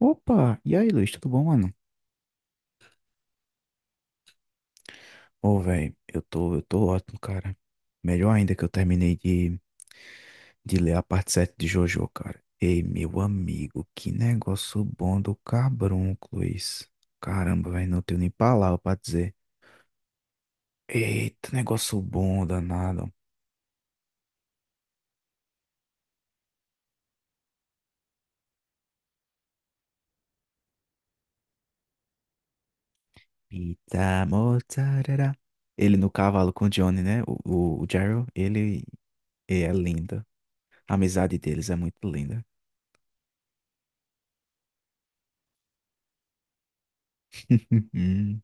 Opa! E aí, Luiz, tudo bom, mano? Ô, velho, eu tô ótimo, cara. Melhor ainda que eu terminei de ler a parte 7 de Jojo, cara. Ei, meu amigo, que negócio bom do cabrunco, Luiz. Caramba, velho, não tenho nem palavra pra dizer. Eita, negócio bom, danado. Pita mozzarella. Ele no cavalo com o Johnny, né? O Gerald, ele é lindo. A amizade deles é muito linda.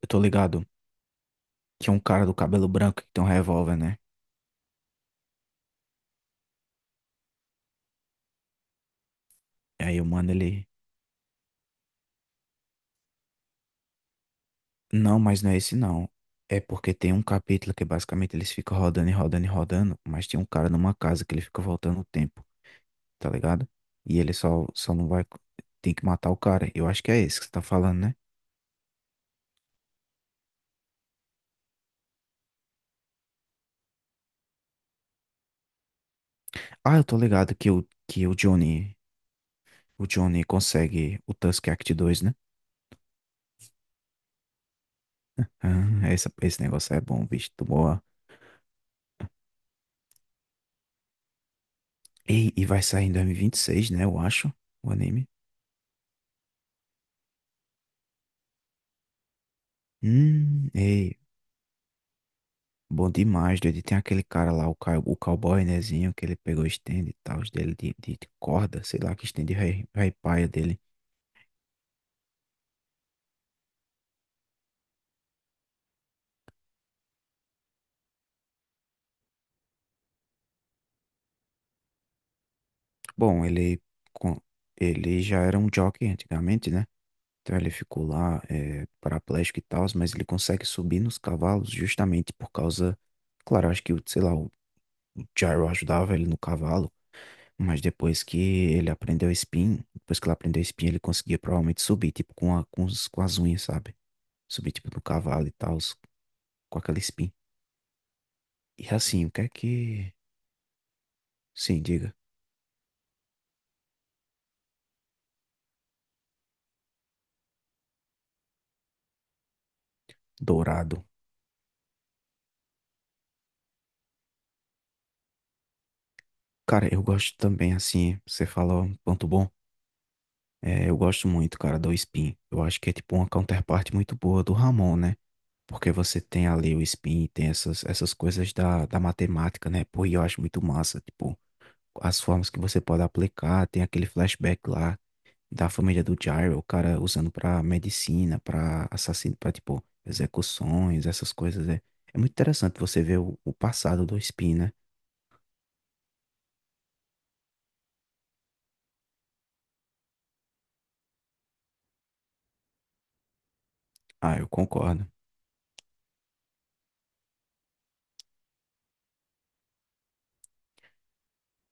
Eu tô ligado. Tinha um cara do cabelo branco que tem um revólver, né? E aí o mano, ele. Não, mas não é esse não. É porque tem um capítulo que basicamente eles ficam rodando e rodando e rodando, mas tem um cara numa casa que ele fica voltando o tempo, tá ligado? E ele só não vai. Tem que matar o cara. Eu acho que é esse que você tá falando, né? Ah, eu tô ligado que que o Johnny. O Johnny consegue o Tusk Act 2, né? Esse negócio é bom, bicho. Tô boa. Ei, e vai sair em 2026, né? Eu acho. O anime. Ei. Bom demais, doido. E tem aquele cara lá, o cowboy, nézinho, que ele pegou o stand e tal, os dele de corda, sei lá, que stand rei paia dele. Bom, com- ele já era um jockey antigamente, né? Então ele ficou lá paraplégico e tal, mas ele consegue subir nos cavalos justamente por causa. Claro, sei lá, o gyro ajudava ele no cavalo, mas depois que ele aprendeu spin, depois que ele aprendeu spin, ele conseguia provavelmente subir, tipo, com as unhas, sabe? Subir tipo no cavalo e tal. Com aquela espinha. E assim, o que é que. Sim, diga. Dourado. Cara, eu gosto também, assim, você fala um ponto bom. É, eu gosto muito, cara, do Spin. Eu acho que é tipo uma counterparte muito boa do Ramon, né? Porque você tem ali o Spin, tem essas, da matemática, né? Pô, e eu acho muito massa, tipo, as formas que você pode aplicar, tem aquele flashback lá da família do Gyro, o cara usando pra medicina, pra assassino, pra tipo execuções, essas coisas. É, é muito interessante você ver o passado do Spin, né? Ah, eu concordo.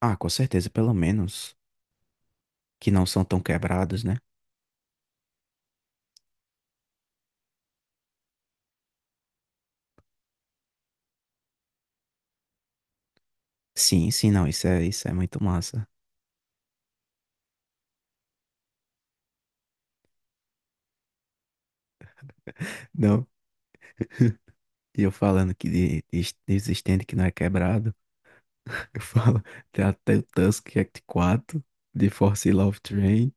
Ah, com certeza, pelo menos que não são tão quebrados, né? Sim, sim, não, isso é muito massa. Não, e eu falando de stand que não é quebrado, eu falo, tem até o Tusk Act 4, de Force Love Train,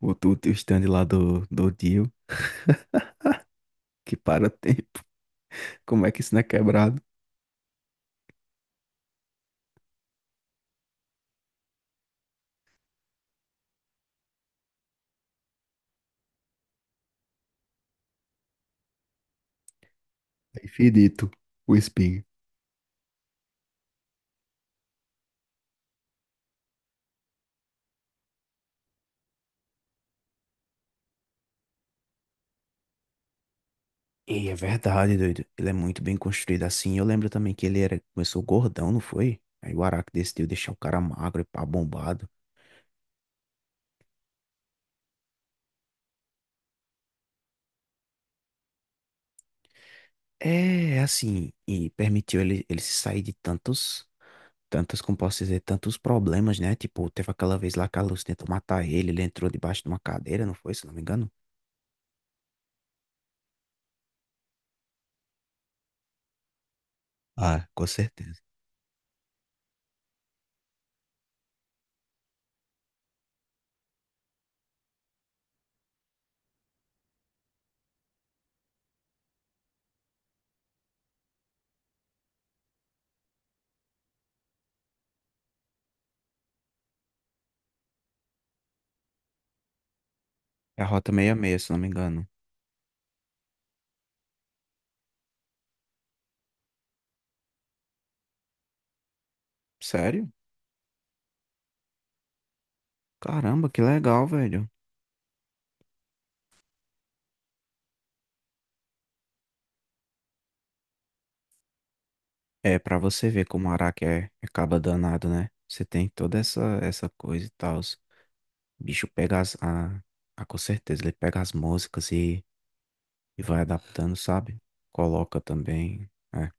o, o, o stand lá do Dio, que para tempo. Como é que isso não é quebrado? É infinito o espinho. E é verdade, doido. Ele é muito bem construído assim. Eu lembro também que ele era, começou gordão, não foi? Aí o Araki decidiu deixar o cara magro e pá, bombado. É, é assim, e permitiu ele se sair de tantos, tantos, como posso dizer, tantos problemas, né? Tipo, teve aquela vez lá que a Lucy tentou matar ele, ele entrou debaixo de uma cadeira, não foi? Se não me engano. Ah, com certeza. É a Rota 66, se não me engano. Sério? Caramba, que legal, velho. É, pra você ver como o Araki é caba danado, né? Você tem toda essa, essa coisa e tal. O bicho pega as. Com certeza, ele pega as músicas e vai adaptando, sabe? Coloca também. É.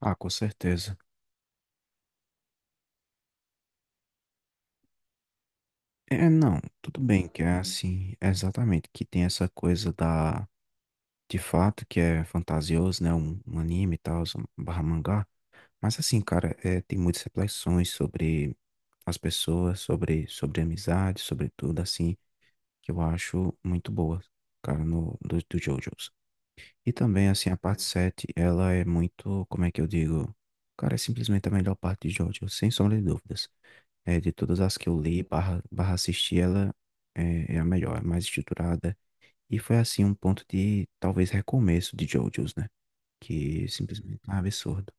Ah, com certeza. É, não, tudo bem que é assim, é exatamente, que tem essa coisa da. De fato, que é fantasioso, né? Um anime e tal, um barra mangá. Mas assim, cara, é, tem muitas reflexões sobre as pessoas, sobre amizade, sobre tudo, assim. Que eu acho muito boa, cara, no, do, do JoJo's. E também, assim, a parte 7, ela é muito, como é que eu digo? Cara, é simplesmente a melhor parte de JoJo, sem sombra de dúvidas. É, de todas as que eu li, barra assisti, ela é a melhor, é mais estruturada. E foi, assim, um ponto de, talvez, recomeço de JoJo's, né? Que simplesmente é um absurdo.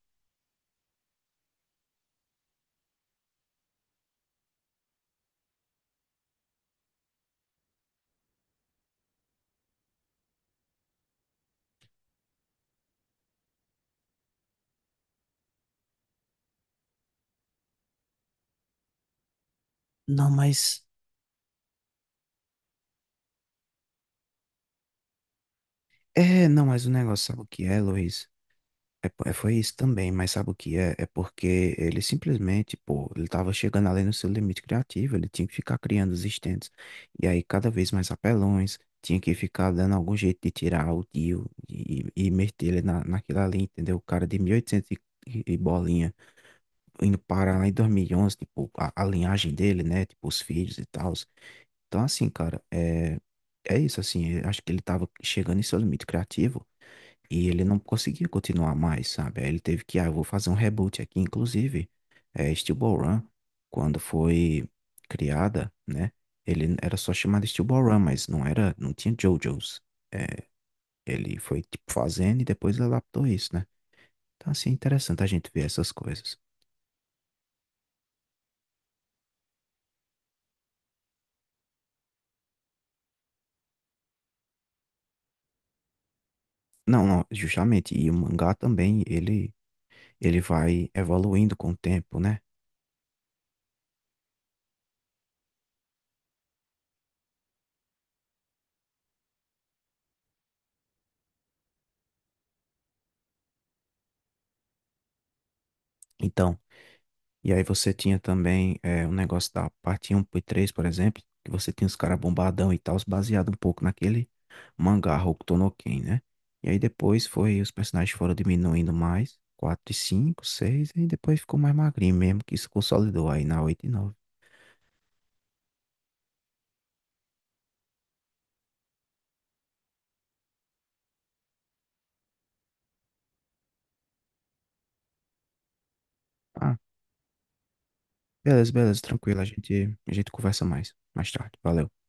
Não, mas... É, não, mas o negócio, sabe o que é, Luiz? Foi isso também, mas sabe o que é? É porque ele simplesmente, pô, ele tava chegando além do seu limite criativo, ele tinha que ficar criando os stands. E aí, cada vez mais apelões, tinha que ficar dando algum jeito de tirar o tio e meter ele naquilo ali, entendeu? O cara de mil e, oitocentos e bolinha, indo parar lá em 2011 tipo, a linhagem dele, né? Tipo, os filhos e tal. Então, assim, cara, é, é isso, assim, eu acho que ele tava chegando em seu limite criativo. E ele não conseguia continuar mais, sabe? Aí ele teve que, ah, eu vou fazer um reboot aqui. Inclusive, é, Steel Ball Run, quando foi criada, né? Ele era só chamado Steel Ball Run, mas não era, não tinha JoJo's. É, ele foi, tipo, fazendo e depois adaptou isso, né? Então, assim, é interessante a gente ver essas coisas. Não, não, justamente. E o mangá também, ele vai evoluindo com o tempo, né? Então, e aí você tinha também é, um negócio da parte 1 e 3, por exemplo, que você tinha os caras bombadão e tal, baseado um pouco naquele mangá Hokuto no Ken, né? E aí depois foi, os personagens foram diminuindo mais, 4 e 5, 6, e depois ficou mais magrinho mesmo, que isso consolidou aí na 8 e 9. Ah, beleza, beleza, tranquilo, a gente conversa mais, mais tarde, valeu.